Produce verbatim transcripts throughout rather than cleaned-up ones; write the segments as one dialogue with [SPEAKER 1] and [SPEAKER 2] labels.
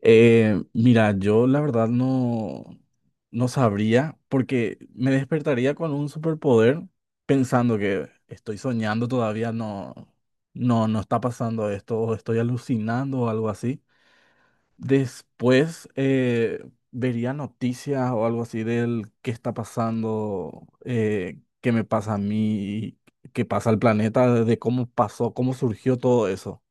[SPEAKER 1] Eh, mira, yo la verdad no, no sabría porque me despertaría con un superpoder pensando que estoy soñando todavía, no, no, no está pasando esto, o estoy alucinando o algo así. Después eh, vería noticias o algo así del qué está pasando, eh, qué me pasa a mí, qué pasa al planeta, de cómo pasó, cómo surgió todo eso.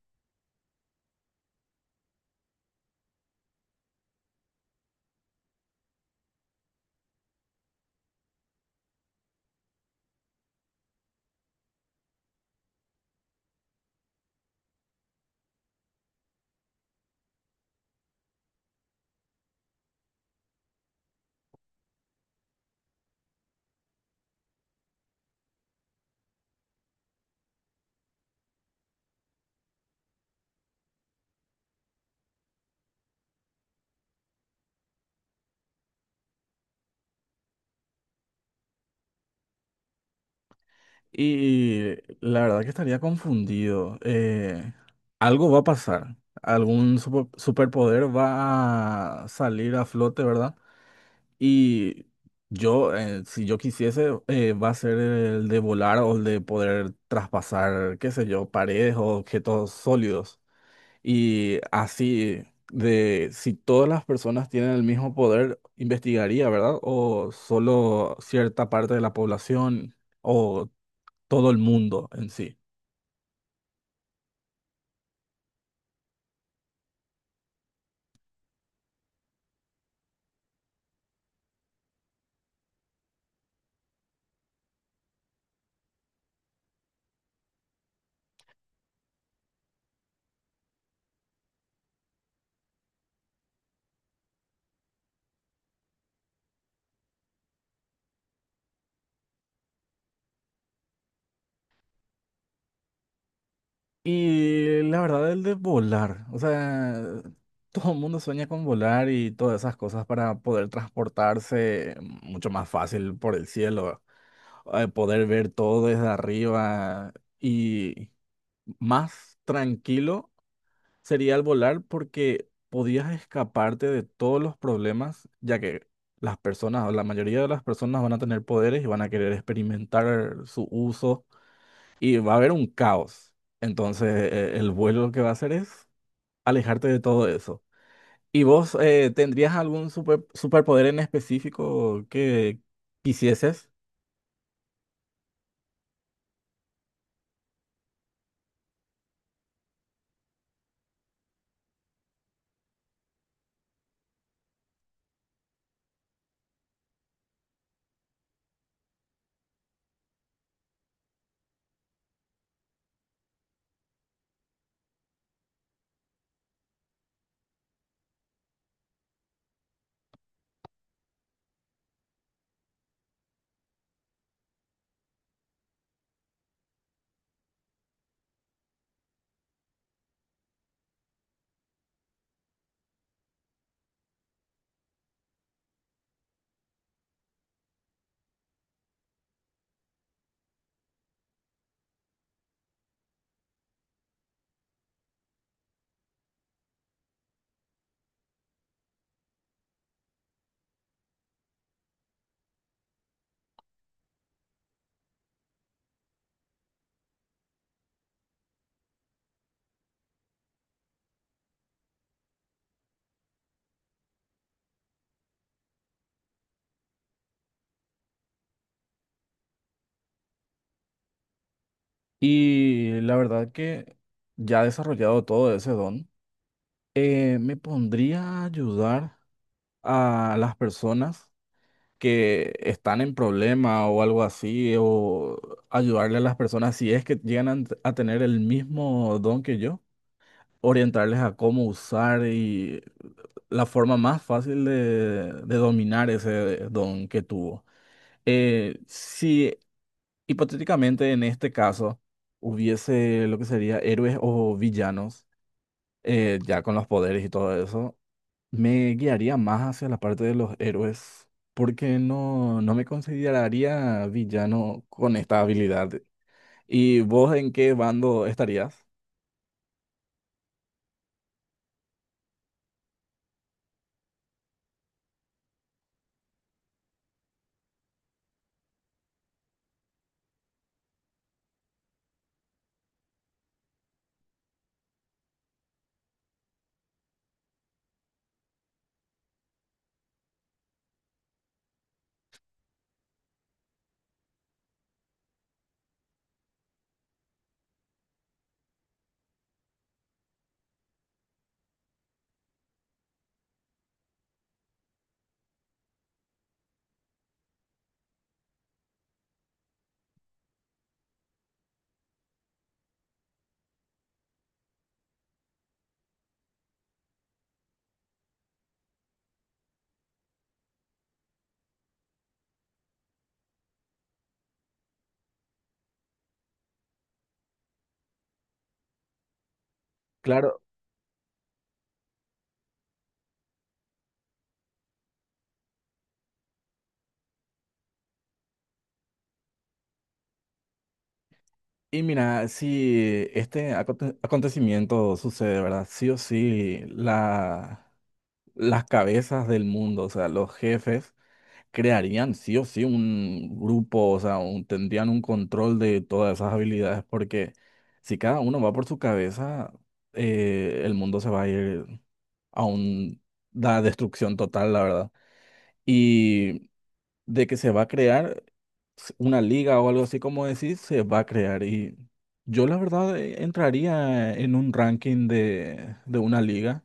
[SPEAKER 1] Y la verdad que estaría confundido. Eh, algo va a pasar. Algún supo- superpoder va a salir a flote, ¿verdad? Y yo, eh, si yo quisiese, eh, va a ser el de volar o el de poder traspasar, qué sé yo, paredes o objetos sólidos. Y así, de si todas las personas tienen el mismo poder, investigaría, ¿verdad? O solo cierta parte de la población. O todo el mundo en sí. Y la verdad, el de volar, o sea, todo el mundo sueña con volar y todas esas cosas para poder transportarse mucho más fácil por el cielo, eh, poder ver todo desde arriba y más tranquilo sería el volar porque podías escaparte de todos los problemas, ya que las personas, o la mayoría de las personas van a tener poderes y van a querer experimentar su uso y va a haber un caos. Entonces, eh, el vuelo lo que va a hacer es alejarte de todo eso. ¿Y vos eh, tendrías algún super, superpoder en específico que quisieses? Y la verdad que ya desarrollado todo ese don, eh, me pondría a ayudar a las personas que están en problema o algo así, o ayudarle a las personas si es que llegan a a tener el mismo don que yo orientarles a cómo usar y la forma más fácil de, de dominar ese don que tuvo. Eh, si hipotéticamente en este caso hubiese lo que sería héroes o villanos, eh, ya con los poderes y todo eso, me guiaría más hacia la parte de los héroes, porque no, no me consideraría villano con esta habilidad. ¿Y vos en qué bando estarías? Claro. Y mira, si este aconte- acontecimiento sucede, ¿verdad? Sí o sí, la, las cabezas del mundo, o sea, los jefes, crearían sí o sí un grupo, o sea, un- tendrían un control de todas esas habilidades, porque si cada uno va por su cabeza, eh, el mundo se va a ir a un- la destrucción total, la verdad. Y de que se va a crear una liga o algo así como decís, se va a crear. Y yo la verdad eh, entraría en un ranking de, de una liga,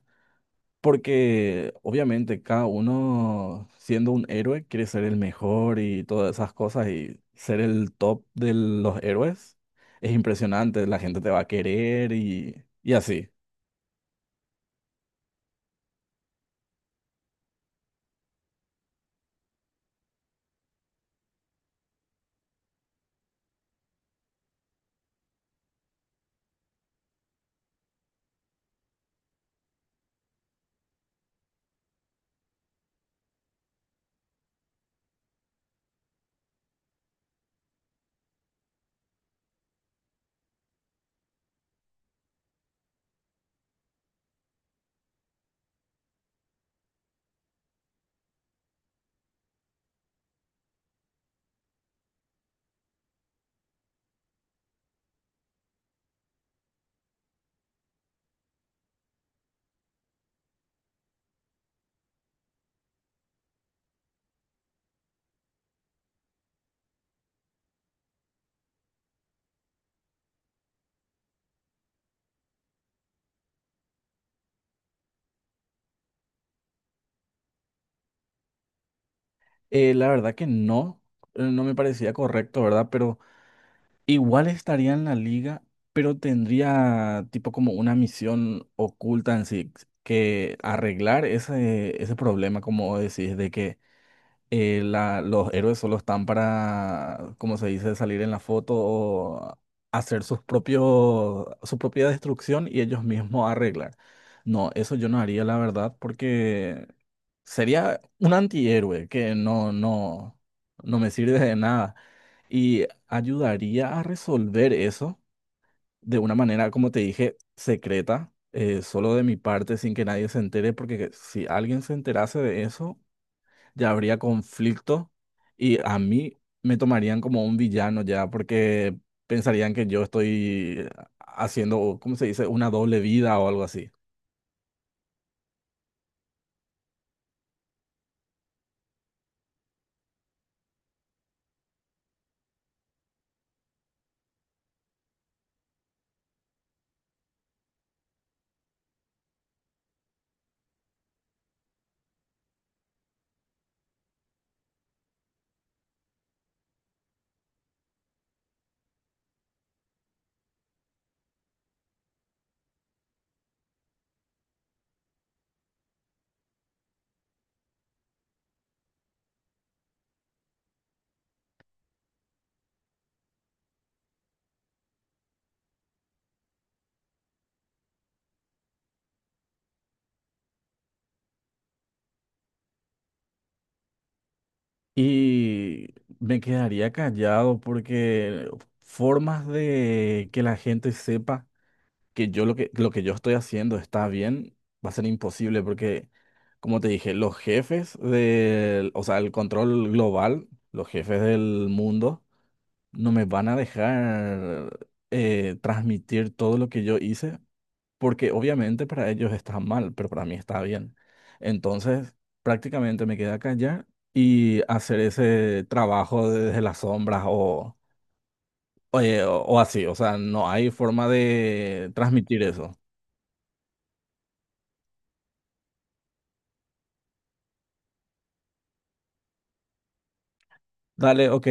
[SPEAKER 1] porque obviamente cada uno siendo un héroe quiere ser el mejor y todas esas cosas y ser el top de los héroes. Es impresionante, la gente te va a querer y, y así. Eh, la verdad que no, eh, no me parecía correcto, ¿verdad? Pero igual estaría en la liga, pero tendría tipo como una misión oculta en sí, que arreglar ese, ese problema, como decís, de que eh, la- los héroes solo están para, como se dice, salir en la foto o hacer sus propios, su propia destrucción y ellos mismos arreglar. No, eso yo no haría, la verdad, porque sería un antihéroe que no, no, no me sirve de nada. Y ayudaría a resolver eso de una manera, como te dije, secreta, eh, solo de mi parte, sin que nadie se entere, porque si alguien se enterase de eso, ya habría conflicto y a mí me tomarían como un villano ya, porque pensarían que yo estoy haciendo, ¿cómo se dice?, una doble vida o algo así. Y me quedaría callado porque formas de que la gente sepa que yo lo que, lo que yo estoy haciendo está bien va a ser imposible porque, como te dije, los jefes del, o sea, el control global, los jefes del mundo, no me van a dejar eh, transmitir todo lo que yo hice, porque obviamente para ellos está mal, pero para mí está bien. Entonces, prácticamente me queda callar y hacer ese trabajo desde las sombras o, o, eh, o- o así. O sea, no hay forma de transmitir eso. Dale, ok.